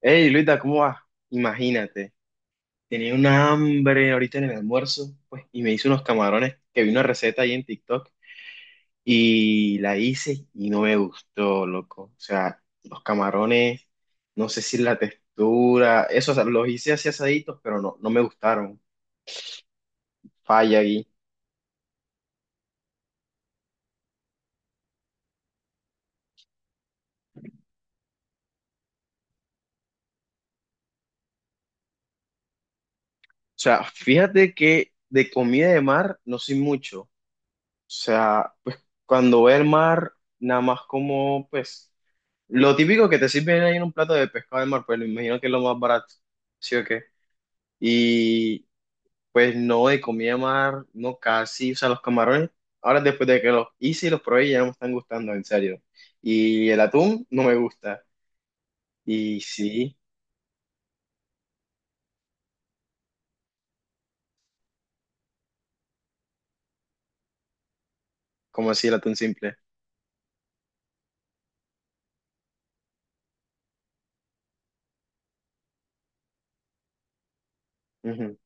Hey, Luita, ¿cómo vas? Imagínate, tenía una hambre ahorita en el almuerzo, pues, y me hice unos camarones que vi una receta ahí en TikTok y la hice y no me gustó, loco. O sea, los camarones, no sé si la textura, eso, o sea, los hice así asaditos, pero no, no me gustaron. Falla ahí. O sea, fíjate que de comida de mar no soy mucho. O sea, pues cuando voy al mar, nada más como, pues. Lo típico que te sirven ahí en un plato de pescado de mar, pues me imagino que es lo más barato, ¿sí o qué? Y pues no, de comida de mar, no casi, o sea, los camarones, ahora después de que los hice y los probé, ya no me están gustando, en serio. Y el atún no me gusta. Y sí, como así el atún simple. Ujú.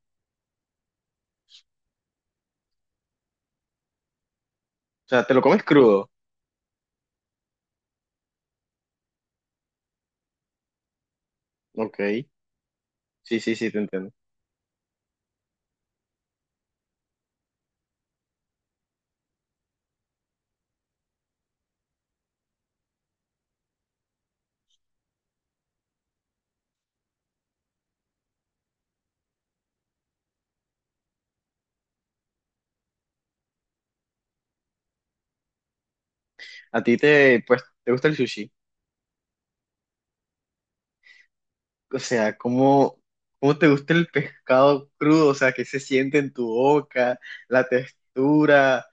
O sea, te lo comes crudo, ok. Sí, sí, sí, te entiendo. ¿A ti te, pues, te gusta el sushi? O sea, cómo te gusta el pescado crudo? O sea, ¿qué se siente en tu boca, la textura,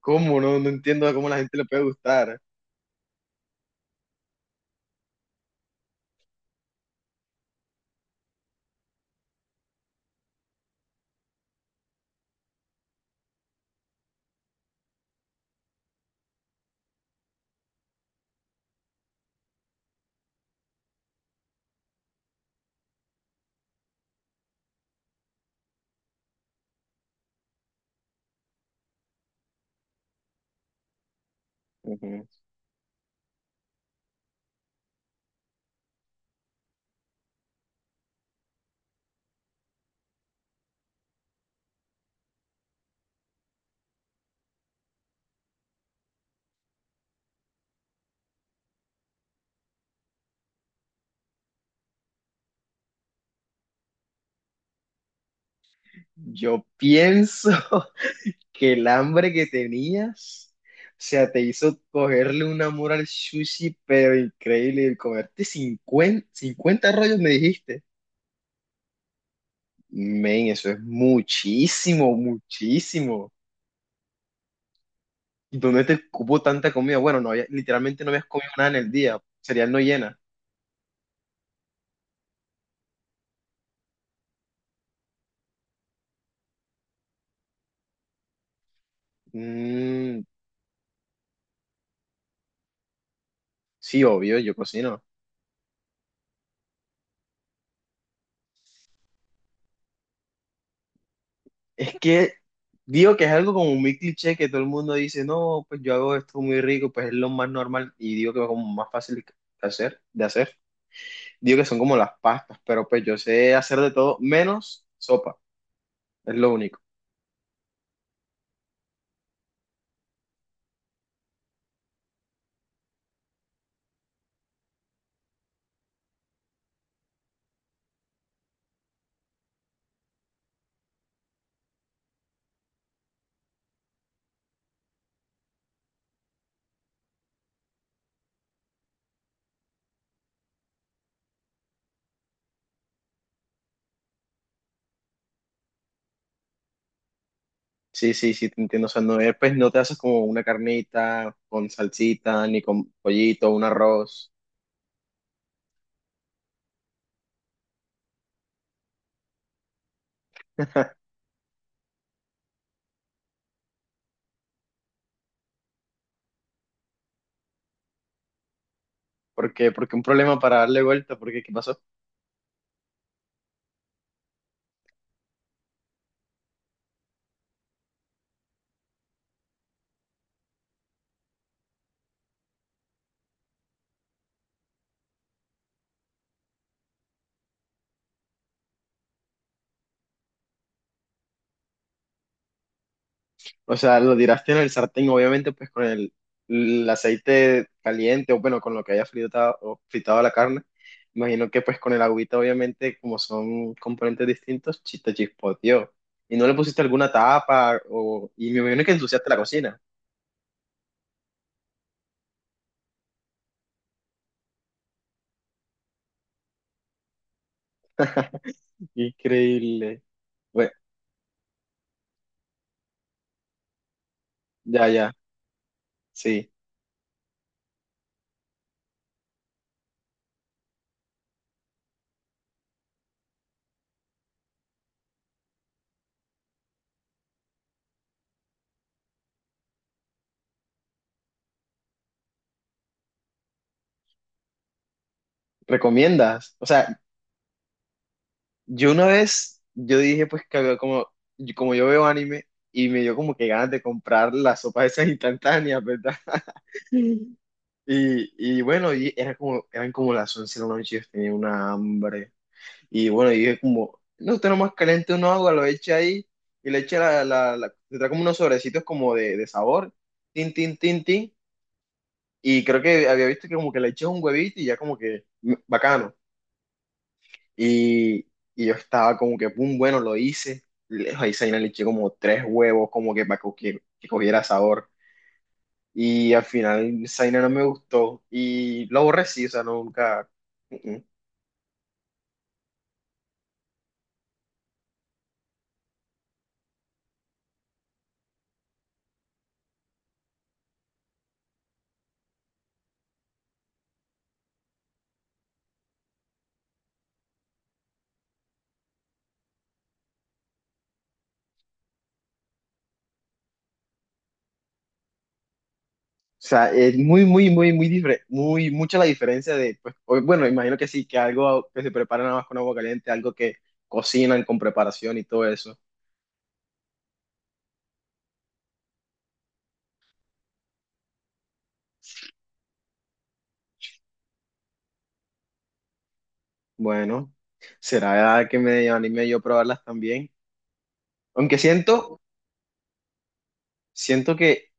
cómo? No, no entiendo cómo a la gente le puede gustar. Ujú. Yo pienso que el hambre que tenías, o sea, te hizo cogerle un amor al sushi, pero increíble, y comerte cincuenta rollos, me dijiste. Men, eso es muchísimo, muchísimo. ¿Dónde te cupo tanta comida? Bueno, literalmente no habías comido nada en el día. Cereal no llena. Mm, sí, obvio, yo cocino. Es que digo que es algo como muy cliché que todo el mundo dice, no, pues yo hago esto muy rico, pues es lo más normal y digo que es como más fácil de hacer. Digo que son como las pastas, pero pues yo sé hacer de todo menos sopa, es lo único. Sí, sí, sí, te entiendo. O sea, no, pues no te haces como una carnita con salsita, ni con pollito, un arroz. Porque un problema para darle vuelta, porque ¿qué pasó? O sea, lo tiraste en el sartén, obviamente, pues con el aceite caliente, o bueno, con lo que haya fritado, o fritado la carne. Imagino que pues con el agüita, obviamente, como son componentes distintos, te chispoteó. Y no le pusiste alguna tapa, y me imagino que ensuciaste la cocina. Increíble. Bueno, ya, ya, sí. ¿Recomiendas? O sea, yo una vez, yo dije pues que había como yo veo anime y me dio como que ganas de comprar las sopas esas instantáneas, ¿verdad? Y, y bueno, y era como, eran como las 11 de la noche, yo tenía una hambre. Y bueno, y dije como, no, usted nomás caliente una agua, lo echa ahí y le echa la, la, le trae como unos sobrecitos como de sabor, tin, tin, tin, tin. Y creo que había visto que como que le eché un huevito y ya como que, bacano. Y, y yo estaba como que, pum, bueno, lo hice. Ahí Zaina le eché como tres huevos, como que para que cogiera sabor. Y al final Zaina no me gustó y lo aborrecí, o sea, nunca. Mm, mm. O sea, es muy, muy, muy, muy diferente, muy, mucha la diferencia de, pues, bueno, imagino que sí, que algo que se prepara nada más con agua caliente, algo que cocinan con preparación y todo eso. Bueno, será que me anime yo a probarlas también. Aunque siento que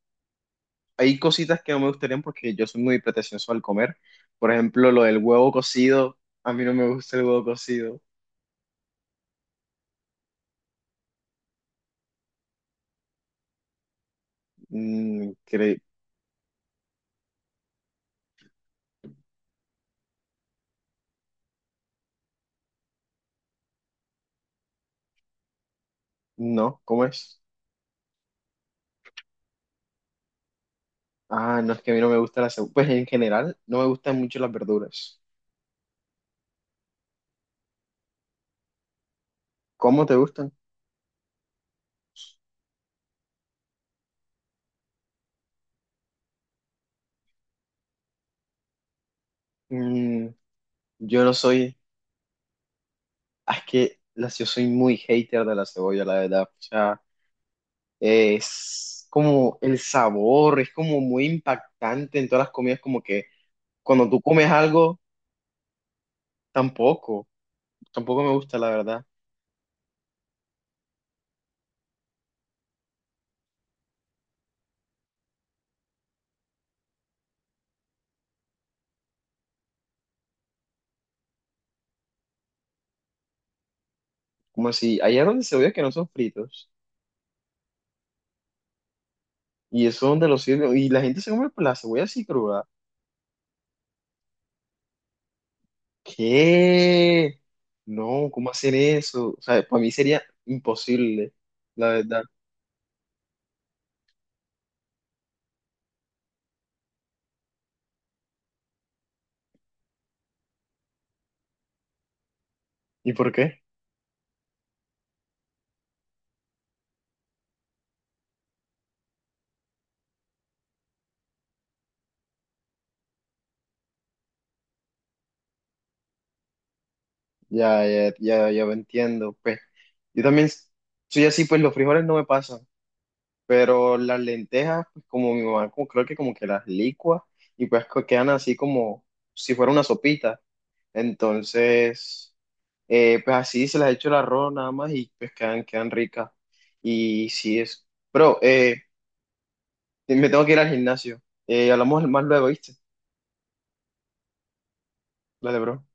hay cositas que no me gustarían porque yo soy muy pretencioso al comer. Por ejemplo, lo del huevo cocido. A mí no me gusta el huevo cocido. Mm. No, ¿cómo es? Ah, no es que a mí no me gusta la cebolla. Pues en general, no me gustan mucho las verduras. ¿Cómo te gustan? Mm, yo no soy. Es que yo soy muy hater de la cebolla, la verdad. O sea, es como el sabor, es como muy impactante en todas las comidas, como que cuando tú comes algo, tampoco. Tampoco me gusta, la verdad. Como si allá donde cebolla que no son fritos. Y eso donde lo sirven. Y la gente se come pues, la cebolla así cruda. ¿Qué? No, ¿cómo hacer eso? O sea, para mí sería imposible, la verdad. ¿Y por qué? Ya, ya, ya, ya me entiendo. Pues, yo también soy así, pues los frijoles no me pasan. Pero las lentejas, pues como mi mamá como, creo que como que las licua y pues quedan así como si fuera una sopita. Entonces, pues así se las echo el arroz nada más y pues quedan ricas. Y sí es. Bro, me tengo que ir al gimnasio. Hablamos más luego, ¿viste? Dale, bro.